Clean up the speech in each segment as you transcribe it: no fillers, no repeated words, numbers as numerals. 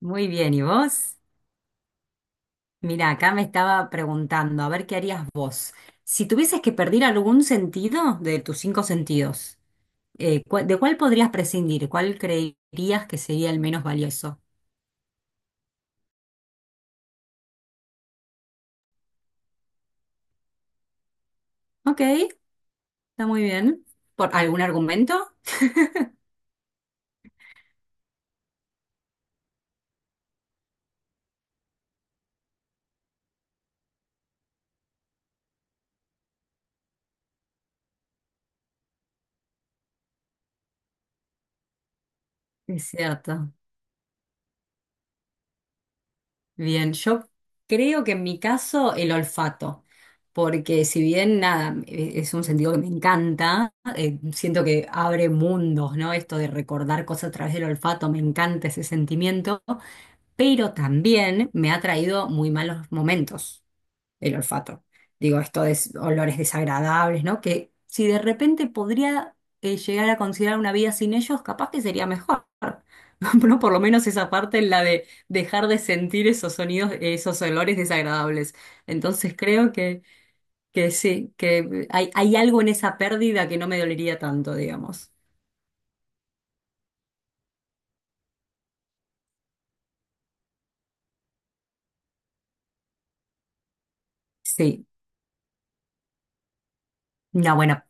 Muy bien, ¿y vos? Mira, acá me estaba preguntando, a ver qué harías vos. Si tuvieses que perder algún sentido de tus cinco sentidos, ¿de cuál podrías prescindir? ¿Cuál creerías que sería el menos valioso? Ok, está muy bien. ¿Por algún argumento? Es cierto. Bien, yo creo que en mi caso el olfato, porque si bien nada, es un sentido que me encanta, siento que abre mundos, ¿no? Esto de recordar cosas a través del olfato, me encanta ese sentimiento, pero también me ha traído muy malos momentos el olfato. Digo, esto de olores desagradables, ¿no? Que si de repente podría llegar a considerar una vida sin ellos, capaz que sería mejor. No, por lo menos esa parte, la de dejar de sentir esos sonidos, esos olores desagradables. Entonces creo que sí, que hay algo en esa pérdida que no me dolería tanto, digamos. Sí, una buena.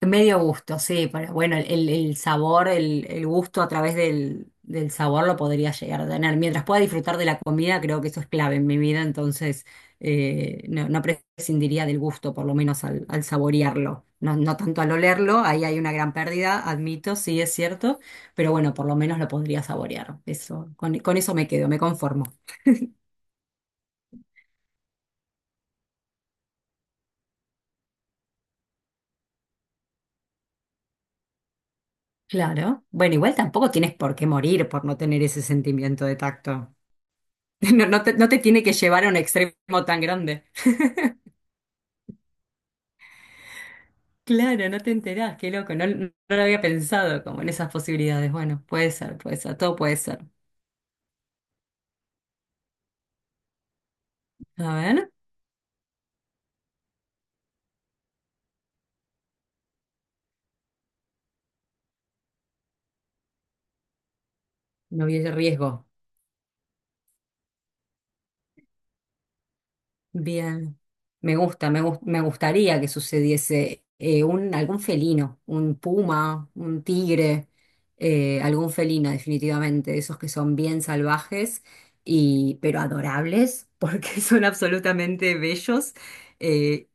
Medio gusto, sí, pero bueno, el sabor, el gusto a través del sabor lo podría llegar a tener. Mientras pueda disfrutar de la comida, creo que eso es clave en mi vida, entonces no, no prescindiría del gusto, por lo menos al saborearlo. No, no tanto al olerlo, ahí hay una gran pérdida, admito, sí es cierto, pero bueno, por lo menos lo podría saborear. Eso, con eso me quedo, me conformo. Claro. Bueno, igual tampoco tienes por qué morir por no tener ese sentimiento de tacto. No, no te tiene que llevar a un extremo tan grande. Claro, no te enterás, qué loco, no, no lo había pensado como en esas posibilidades. Bueno, puede ser, todo puede ser. A ver, no vi el riesgo. Bien, me gusta, me gustaría que sucediese algún felino, un puma, un tigre, algún felino definitivamente, esos que son bien salvajes, y, pero adorables, porque son absolutamente bellos. eh,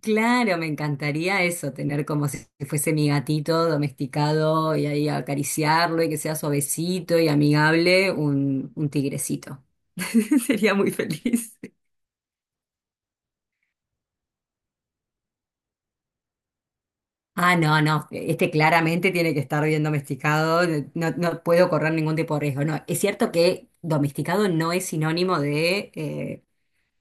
Claro, me encantaría eso, tener como si fuese mi gatito domesticado y ahí acariciarlo y que sea suavecito y amigable, un tigrecito. Sería muy feliz. Ah, no, no, este claramente tiene que estar bien domesticado, no, no puedo correr ningún tipo de riesgo. No, es cierto que domesticado no es sinónimo de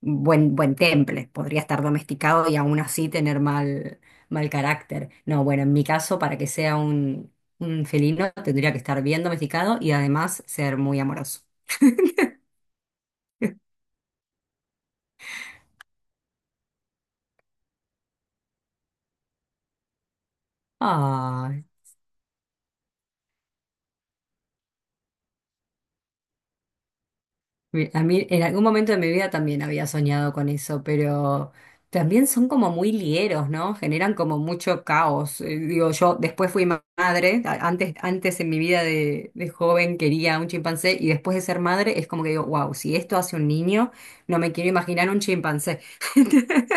buen temple, podría estar domesticado y aún así tener mal carácter. No, bueno, en mi caso, para que sea un felino, tendría que estar bien domesticado y además ser muy amoroso. Ay, a mí en algún momento de mi vida también había soñado con eso, pero también son como muy lieros, ¿no? Generan como mucho caos. Digo, yo después fui madre, antes en mi vida de joven quería un chimpancé y después de ser madre es como que digo, wow, si esto hace un niño, no me quiero imaginar un chimpancé.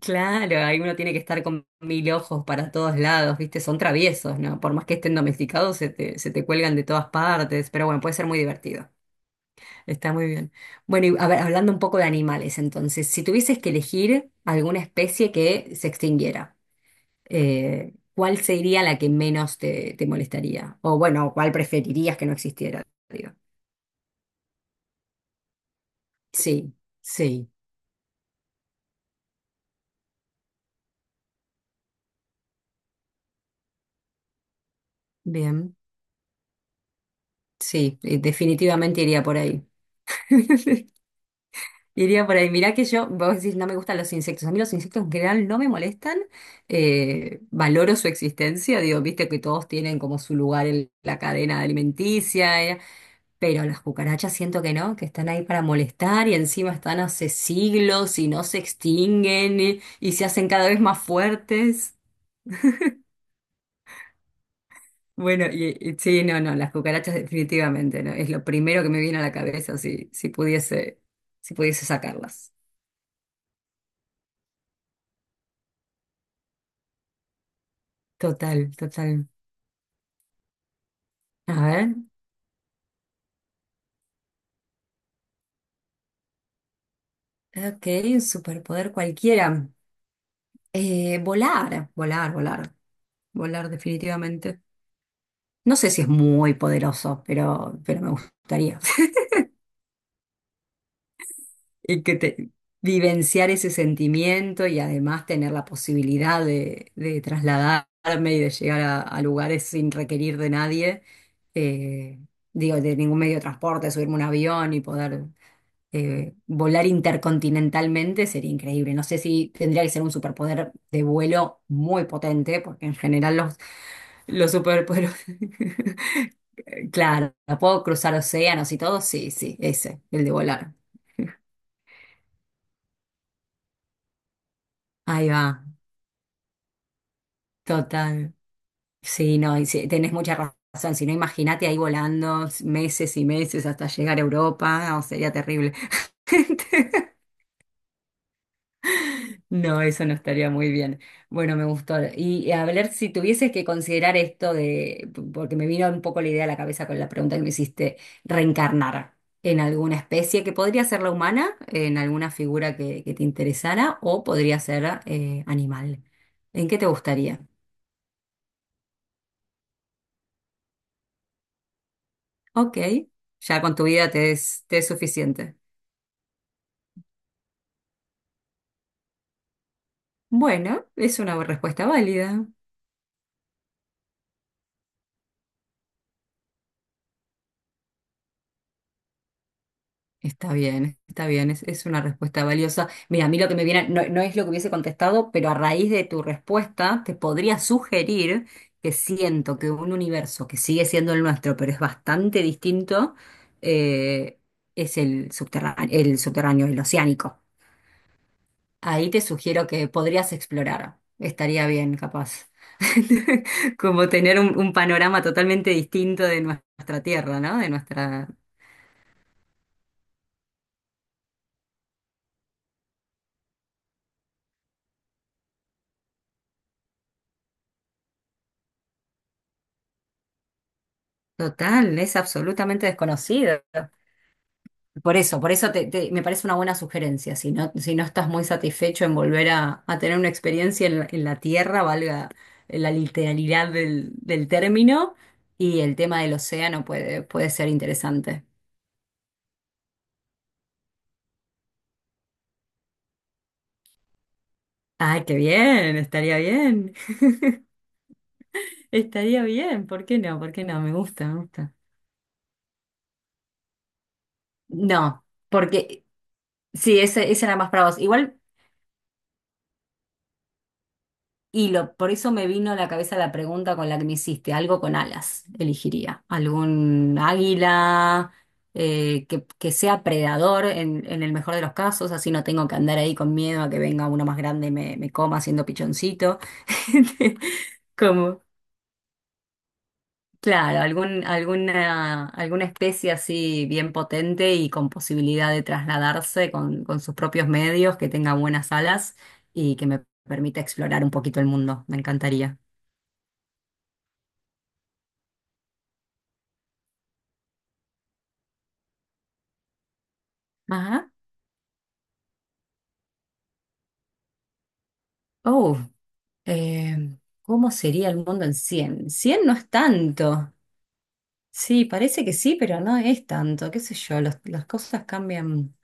Claro, ahí uno tiene que estar con mil ojos para todos lados, ¿viste? Son traviesos, ¿no? Por más que estén domesticados, se te cuelgan de todas partes, pero bueno, puede ser muy divertido. Está muy bien. Bueno, y a ver, hablando un poco de animales, entonces, si tuvieses que elegir alguna especie que se extinguiera, ¿cuál sería la que menos te molestaría? O bueno, ¿cuál preferirías que no existiera? Digo. Sí, sí, bien, sí, definitivamente iría por ahí. Iría por ahí. Mirá que yo, vos decís, no me gustan los insectos. A mí los insectos en general no me molestan. Valoro su existencia. Digo, viste que todos tienen como su lugar en la cadena alimenticia. Pero las cucarachas siento que no, que están ahí para molestar y encima están hace siglos y no se extinguen, y se hacen cada vez más fuertes. Bueno, y sí, no, no, las cucarachas definitivamente, ¿no? Es lo primero que me viene a la cabeza si pudiese sacarlas. Total, total. A ver, ok, un superpoder cualquiera. Volar, volar, volar, volar definitivamente. No sé si es muy poderoso, pero me gustaría. y que te- vivenciar ese sentimiento y además tener la posibilidad de trasladarme y de llegar a lugares sin requerir de nadie, eh, digo, de ningún medio de transporte, subirme a un avión y poder volar intercontinentalmente sería increíble. No sé si tendría que ser un superpoder de vuelo muy potente, porque en general los superpoderes... Claro, ¿puedo cruzar océanos y todo? Sí, sí, ese, el de volar. Ahí va, total. Sí, no, y sí, tenés mucha razón. Si no, imagínate ahí volando meses y meses hasta llegar a Europa, o sería terrible. No, eso no estaría muy bien. Bueno, me gustó. Y a ver si tuvieses que considerar esto de, porque me vino un poco la idea a la cabeza con la pregunta que me hiciste, reencarnar en alguna especie que podría ser la humana, en alguna figura que te interesara, o podría ser animal. ¿En qué te gustaría? Ok, ya con tu vida te es suficiente. Bueno, es una respuesta válida. Está bien, es una respuesta valiosa. Mira, a mí lo que me viene, no, no es lo que hubiese contestado, pero a raíz de tu respuesta te podría sugerir que siento que un universo que sigue siendo el nuestro, pero es bastante distinto, eh, es el subterráneo, el oceánico. Ahí te sugiero que podrías explorar. Estaría bien, capaz. Como tener un panorama totalmente distinto de nuestra tierra, ¿no? De nuestra, total, es absolutamente desconocido. Por eso me parece una buena sugerencia. Si no, si no estás muy satisfecho en volver a tener una experiencia en la tierra, valga la literalidad del término, y el tema del océano puede ser interesante. Ay, qué bien, estaría bien, estaría bien. ¿Por qué no? ¿Por qué no? Me gusta, me gusta. No, porque sí, ese era más para vos. Igual. Por eso me vino a la cabeza la pregunta con la que me hiciste, algo con alas, elegiría, algún águila que sea predador en el mejor de los casos, así no tengo que andar ahí con miedo a que venga uno más grande y me coma siendo pichoncito. Como, claro, alguna especie así bien potente y con posibilidad de trasladarse con sus propios medios, que tenga buenas alas y que me permita explorar un poquito el mundo, me encantaría. Ajá. Oh, eh, ¿cómo sería el mundo en 100? 100 no es tanto. Sí, parece que sí, pero no es tanto. ¿Qué sé yo? Las cosas cambian.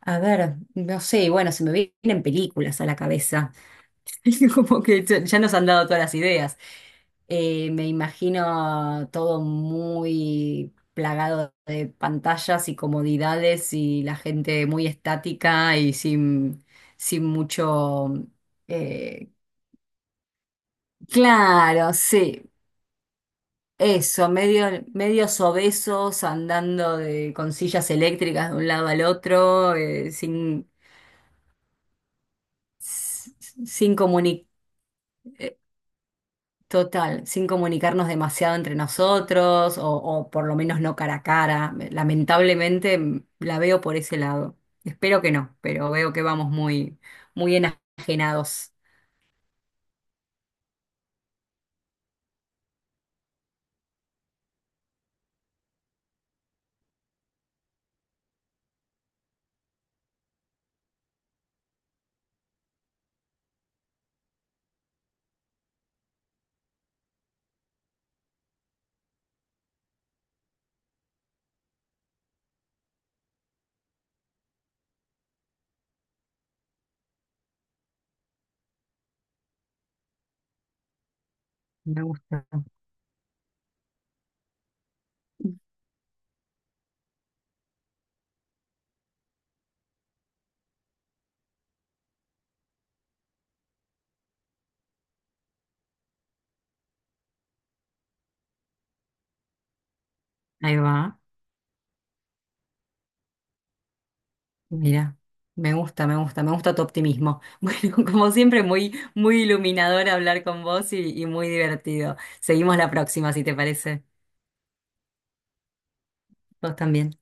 A ver, no sé, bueno, se me vienen películas a la cabeza. Como que ya nos han dado todas las ideas. Me imagino todo muy plagado de pantallas y comodidades y la gente muy estática y sin mucho... eh, Claro, sí, eso, medios obesos andando con sillas eléctricas de un lado al otro, sin comuni- sin comunicarnos demasiado entre nosotros, o por lo menos no cara a cara. Lamentablemente, la veo por ese lado. Espero que no, pero veo que vamos muy, muy enajenados. Me gusta. Ahí va. Mira, me gusta, me gusta, me gusta tu optimismo. Bueno, como siempre, muy, muy iluminador hablar con vos y muy divertido. Seguimos la próxima, si te parece. Vos también.